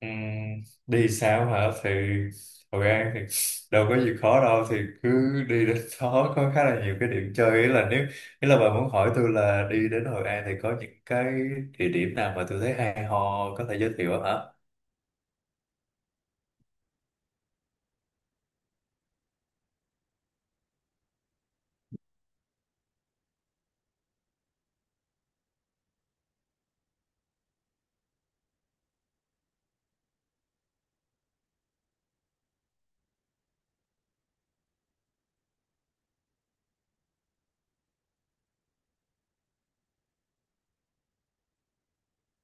Ừm, đi sao hả? Thì Hội An thì đâu có gì khó đâu, thì cứ đi đến đó có khá là nhiều cái điểm chơi. Ý là bà muốn hỏi tôi là đi đến Hội An thì có những cái địa điểm nào mà tôi thấy hay ho, có thể giới thiệu không hả?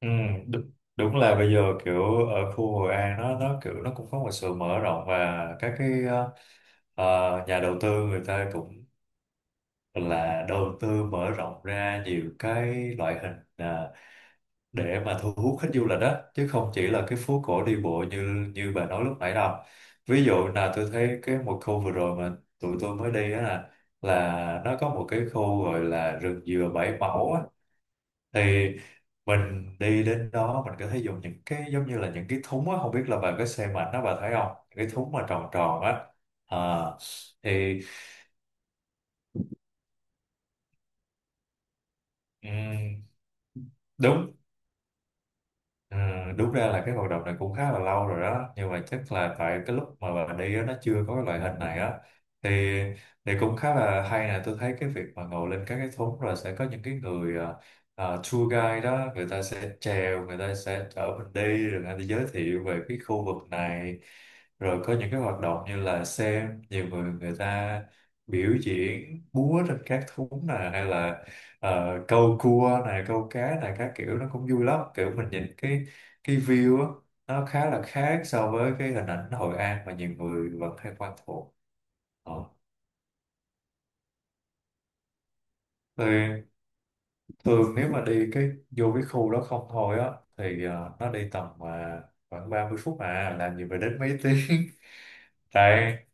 Ừ, đúng, đúng là bây giờ kiểu ở khu Hội An nó kiểu nó cũng có một sự mở rộng, và các cái nhà đầu tư người ta cũng là đầu tư mở rộng ra nhiều cái loại hình để mà thu hút khách du lịch, đó chứ không chỉ là cái phố cổ đi bộ như như bà nói lúc nãy đâu. Ví dụ là tôi thấy cái một khu vừa rồi mà tụi tôi mới đi á, là nó có một cái khu gọi là rừng dừa Bảy Mẫu á. Thì mình đi đến đó mình có thể dùng những cái giống như là những cái thúng á, không biết là bà có xem ảnh đó, bà thấy không, những cái thúng mà tròn tròn á. À, thì ừm, Đúng, ừ, đúng ra là cái hoạt động này cũng khá là lâu rồi đó, nhưng mà chắc là tại cái lúc mà bà đi á, nó chưa có cái loại hình này á. Thì thì cũng khá là hay nè, tôi thấy cái việc mà ngồi lên các cái thúng rồi sẽ có những cái người tour guide đó, người ta sẽ chèo, người ta sẽ chở mình đi, rồi người ta giới thiệu về cái khu vực này, rồi có những cái hoạt động như là xem nhiều người người ta biểu diễn búa trên các thúng nè, hay là câu cua này, câu cá này, các kiểu. Nó cũng vui lắm, kiểu mình nhìn cái view á, nó khá là khác so với cái hình ảnh Hội An mà nhiều người vẫn hay quen thuộc. Ờ, thì thường nếu mà đi cái vô cái khu đó không thôi á, thì nó đi tầm khoảng 30 phút à, làm gì phải đến mấy tiếng. Tại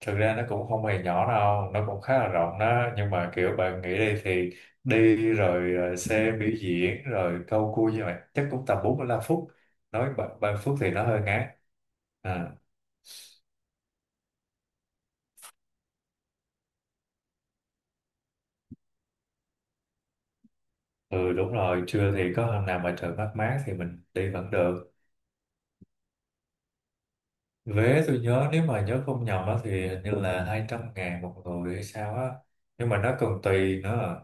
thực ra nó cũng không hề nhỏ đâu, nó cũng khá là rộng đó, nhưng mà kiểu bạn nghĩ đi, thì đi rồi xe biểu diễn rồi câu cua như vậy chắc cũng tầm 45 phút, nói 30 phút thì nó hơi ngán. À, ừ đúng rồi, trưa thì có hôm nào mà trời mát mát thì mình đi vẫn được. Vé tôi nhớ, nếu mà nhớ không nhầm á, thì hình như là 200.000 một người hay sao á. Nhưng mà nó còn tùy nữa.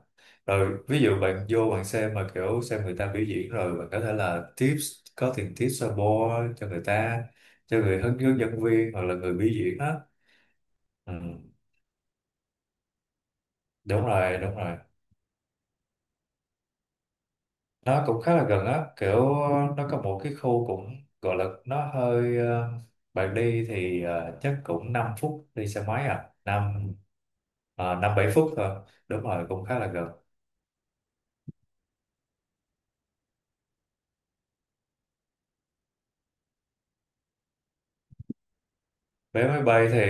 Rồi ví dụ bạn vô bạn xem mà kiểu xem người ta biểu diễn, rồi bạn có thể là tips, có tiền tips support cho người ta, cho người hướng hướng dẫn viên, hoặc là người biểu diễn á. Ừ, đúng rồi, đúng rồi. Nó cũng khá là gần á, kiểu nó có một cái khu cũng gọi là nó hơi bạn đi thì chắc cũng 5 phút đi xe máy, à năm 5-7 phút thôi, đúng rồi cũng khá là gần. Vé máy bay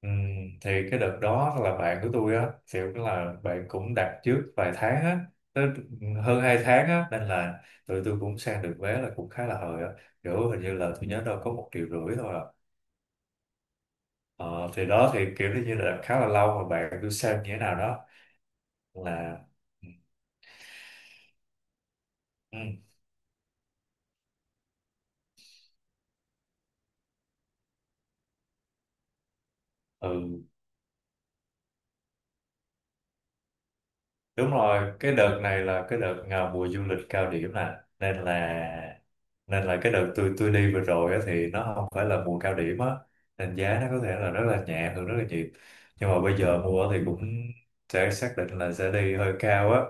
ừm, thì cái đợt đó là bạn của tôi á, kiểu là bạn cũng đặt trước vài tháng á, tới hơn 2 tháng á, nên là tụi tôi cũng sang được vé là cũng khá là hời á, kiểu hình như là tôi nhớ đâu có 1,5 triệu thôi à. Ờ, thì đó thì kiểu như là khá là lâu rồi, bạn cứ xem như thế nào đó. Là ừ, ừ ừ, đúng rồi, cái đợt này là cái đợt à, mùa du lịch cao điểm nè, nên là nên là cái đợt tôi đi vừa rồi á, thì nó không phải là mùa cao điểm á, nên giá nó có thể là rất là nhẹ hơn rất là nhiều. Nhưng mà bây giờ mua thì cũng sẽ xác định là sẽ đi hơi cao á.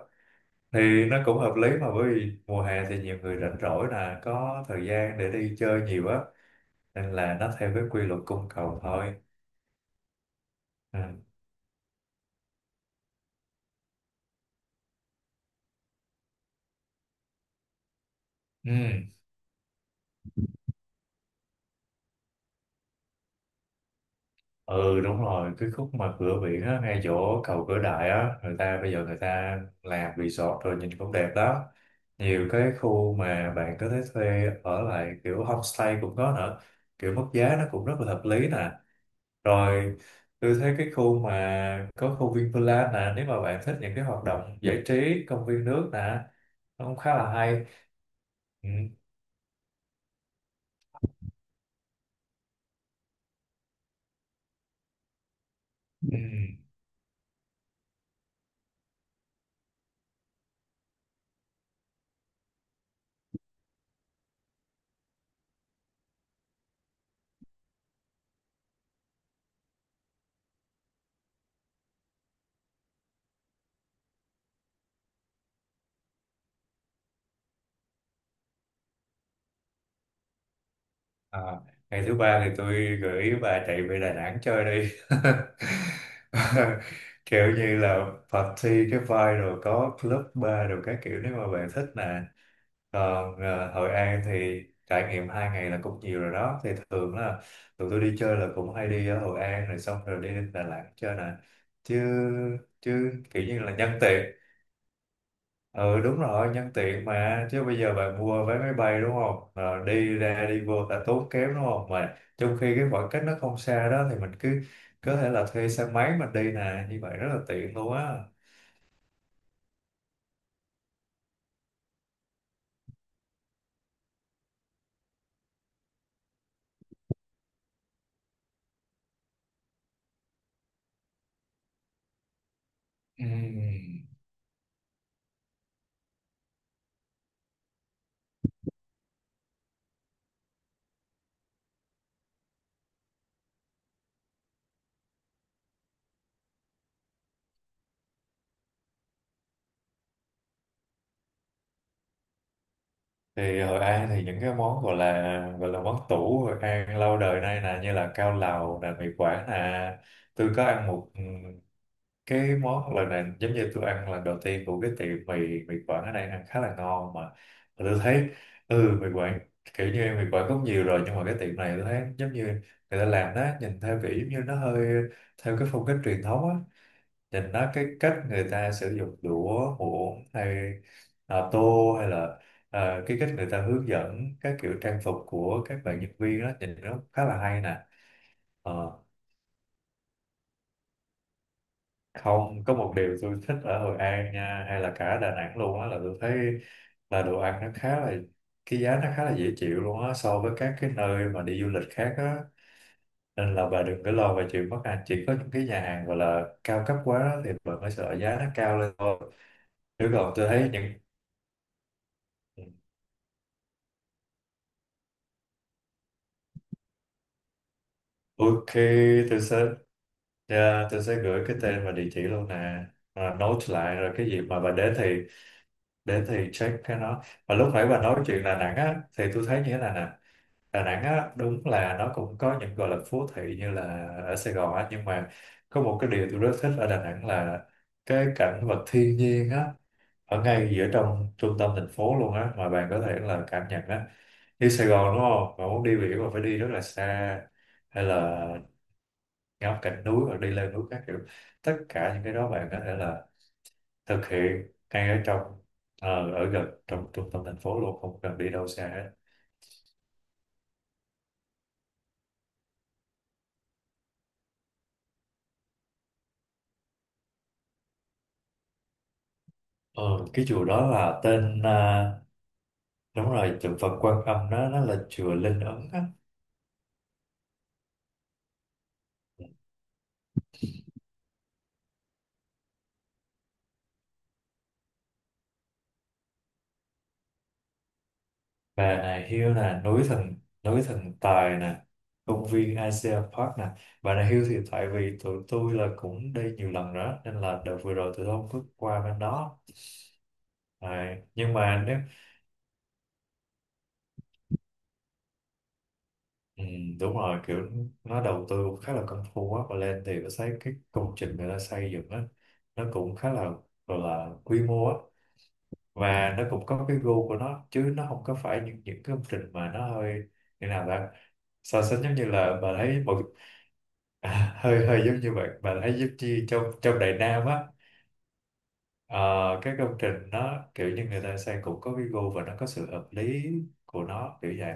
Thì nó cũng hợp lý mà, bởi vì mùa hè thì nhiều người rảnh rỗi nè, có thời gian để đi chơi nhiều á, nên là nó theo cái quy luật cung cầu thôi. Ừ. Ừ. Ừ đúng rồi, cái khúc mà cửa biển á, ngay chỗ cầu Cửa Đại á, người ta bây giờ người ta làm resort rồi, nhìn cũng đẹp đó. Nhiều cái khu mà bạn có thể thuê ở lại kiểu homestay cũng có nữa, kiểu mức giá nó cũng rất là hợp lý nè. Rồi tôi thấy cái khu mà có khu Vinpearl nè, nếu mà bạn thích những cái hoạt động giải trí công viên nước nè, nó cũng khá là hay. Ừ. Ừ. À, ngày thứ ba thì tôi gửi bà chạy về Đà Nẵng chơi đi. Kiểu như là party cái vibe, rồi có club bar rồi các kiểu, nếu mà bạn thích nè. Còn Hội An thì trải nghiệm 2 ngày là cũng nhiều rồi đó. Thì thường là tụi tôi đi chơi là cũng hay đi ở Hội An rồi, xong rồi đi đến Đà Nẵng chơi nè. Chứ chứ kiểu như là nhân tiện, ừ đúng rồi, nhân tiện mà, chứ bây giờ bạn mua vé máy bay đúng không? Rồi đi ra đi vô đã tốn kém đúng không, mà trong khi cái khoảng cách nó không xa đó, thì mình cứ có thể là thuê xe máy mình đi nè, như vậy rất là tiện luôn á. Ừm, thì Hội An thì những cái món gọi là món tủ Hội An lâu đời nay nè, như là cao lầu nè, mì quảng nè. Tôi có ăn một, ừ, cái món lần này giống như tôi ăn lần đầu tiên, của cái tiệm mì mì Quảng ở đây ăn khá là ngon. Mà tôi thấy, ừ mì Quảng, kiểu như mì Quảng cũng nhiều rồi, nhưng mà cái tiệm này tôi thấy giống như người ta làm nó nhìn theo kiểu giống như nó hơi theo cái phong cách truyền thống á. Nhìn nó cái cách người ta sử dụng đũa muỗng hay à, tô hay là à, cái cách người ta hướng dẫn, các kiểu trang phục của các bạn nhân viên đó, nhìn nó khá là hay nè. Ờ. Không, có một điều tôi thích ở Hội An nha, hay là cả Đà Nẵng luôn á, là tôi thấy là đồ ăn nó khá là, cái giá nó khá là dễ chịu luôn á, so với các cái nơi mà đi du lịch khác á. Nên là bà đừng có lo về chuyện mất ăn, chỉ có những cái nhà hàng gọi là cao cấp quá thì bà mới sợ giá nó cao lên thôi, chứ còn tôi thấy những, ok tôi sẽ, dạ, tôi sẽ gửi cái tên và địa chỉ luôn nè. Rồi note lại, rồi cái gì mà bà đến thì check cái nó. Và lúc nãy bà nói chuyện Đà Nẵng á, thì tôi thấy như thế này nè. Đà Nẵng á, đúng là nó cũng có những gọi là phố thị như là ở Sài Gòn á, nhưng mà có một cái điều tôi rất thích ở Đà Nẵng là cái cảnh vật thiên nhiên á, ở ngay giữa trong trung tâm thành phố luôn á, mà bạn có thể là cảm nhận á. Đi Sài Gòn đúng không? Mà muốn đi biển mà phải đi rất là xa, hay là ngắm cảnh núi hoặc đi lên núi các kiểu. Tất cả những cái đó bạn có thể là thực hiện ngay ở trong, ở gần trong trung tâm thành phố luôn, không cần đi đâu xa hết. Ờ, cái chùa đó là tên à, đúng rồi tượng Phật Quan Âm, nó là chùa Linh Ứng á. Bà Nà Hill nè, núi thần tài nè, công viên Asia Park nè. Bà Nà Hill thì tại vì tụi tôi là cũng đi nhiều lần nữa, nên là đợt vừa rồi tụi tôi không có qua bên đó. À, nhưng mà nếu, ừ, đúng rồi, kiểu nó đầu tư cũng khá là công phu á. Và lên thì tôi thấy cái công trình người ta xây dựng á, nó cũng khá là gọi là quy mô á. Và nó cũng có cái gu của nó, chứ nó không có phải những cái công trình mà nó hơi như nào ta, so sánh giống như là bà thấy một, à, hơi hơi giống như vậy, bà thấy giống như trong trong Đại Nam á. Ờ, cái công trình nó kiểu như người ta xây cũng có cái gu và nó có sự hợp lý của nó kiểu vậy,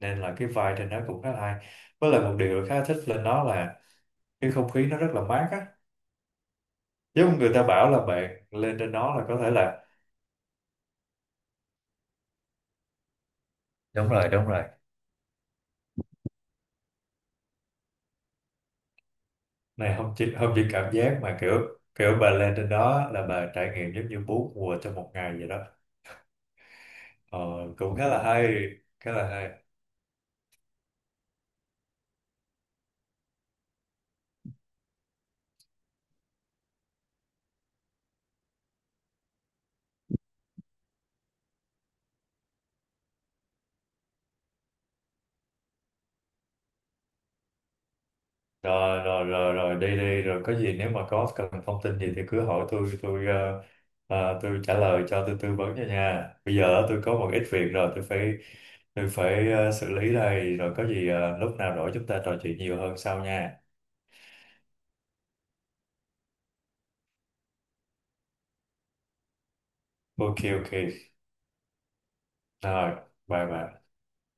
nên là cái vibe trên đó cũng khá là hay. Với lại một điều khá thích lên đó là cái không khí nó rất là mát á. Giống người ta bảo là bạn lên trên đó là có thể là, đúng rồi đúng rồi, này không chỉ cảm giác mà kiểu, kiểu bà lên trên đó là bà trải nghiệm giống như bốn mùa trong một ngày vậy đó. Ờ, cũng khá là hay, khá là hay. Rồi rồi rồi rồi, đi đi, rồi có gì nếu mà có cần thông tin gì thì cứ hỏi tôi, tôi tôi trả lời cho, tôi tư vấn cho nha. Bây giờ tôi có một ít việc rồi, tôi phải xử lý đây. Rồi có gì lúc nào rỗi chúng ta trò chuyện nhiều hơn sau nha. Ok ok. Rồi, bye bye.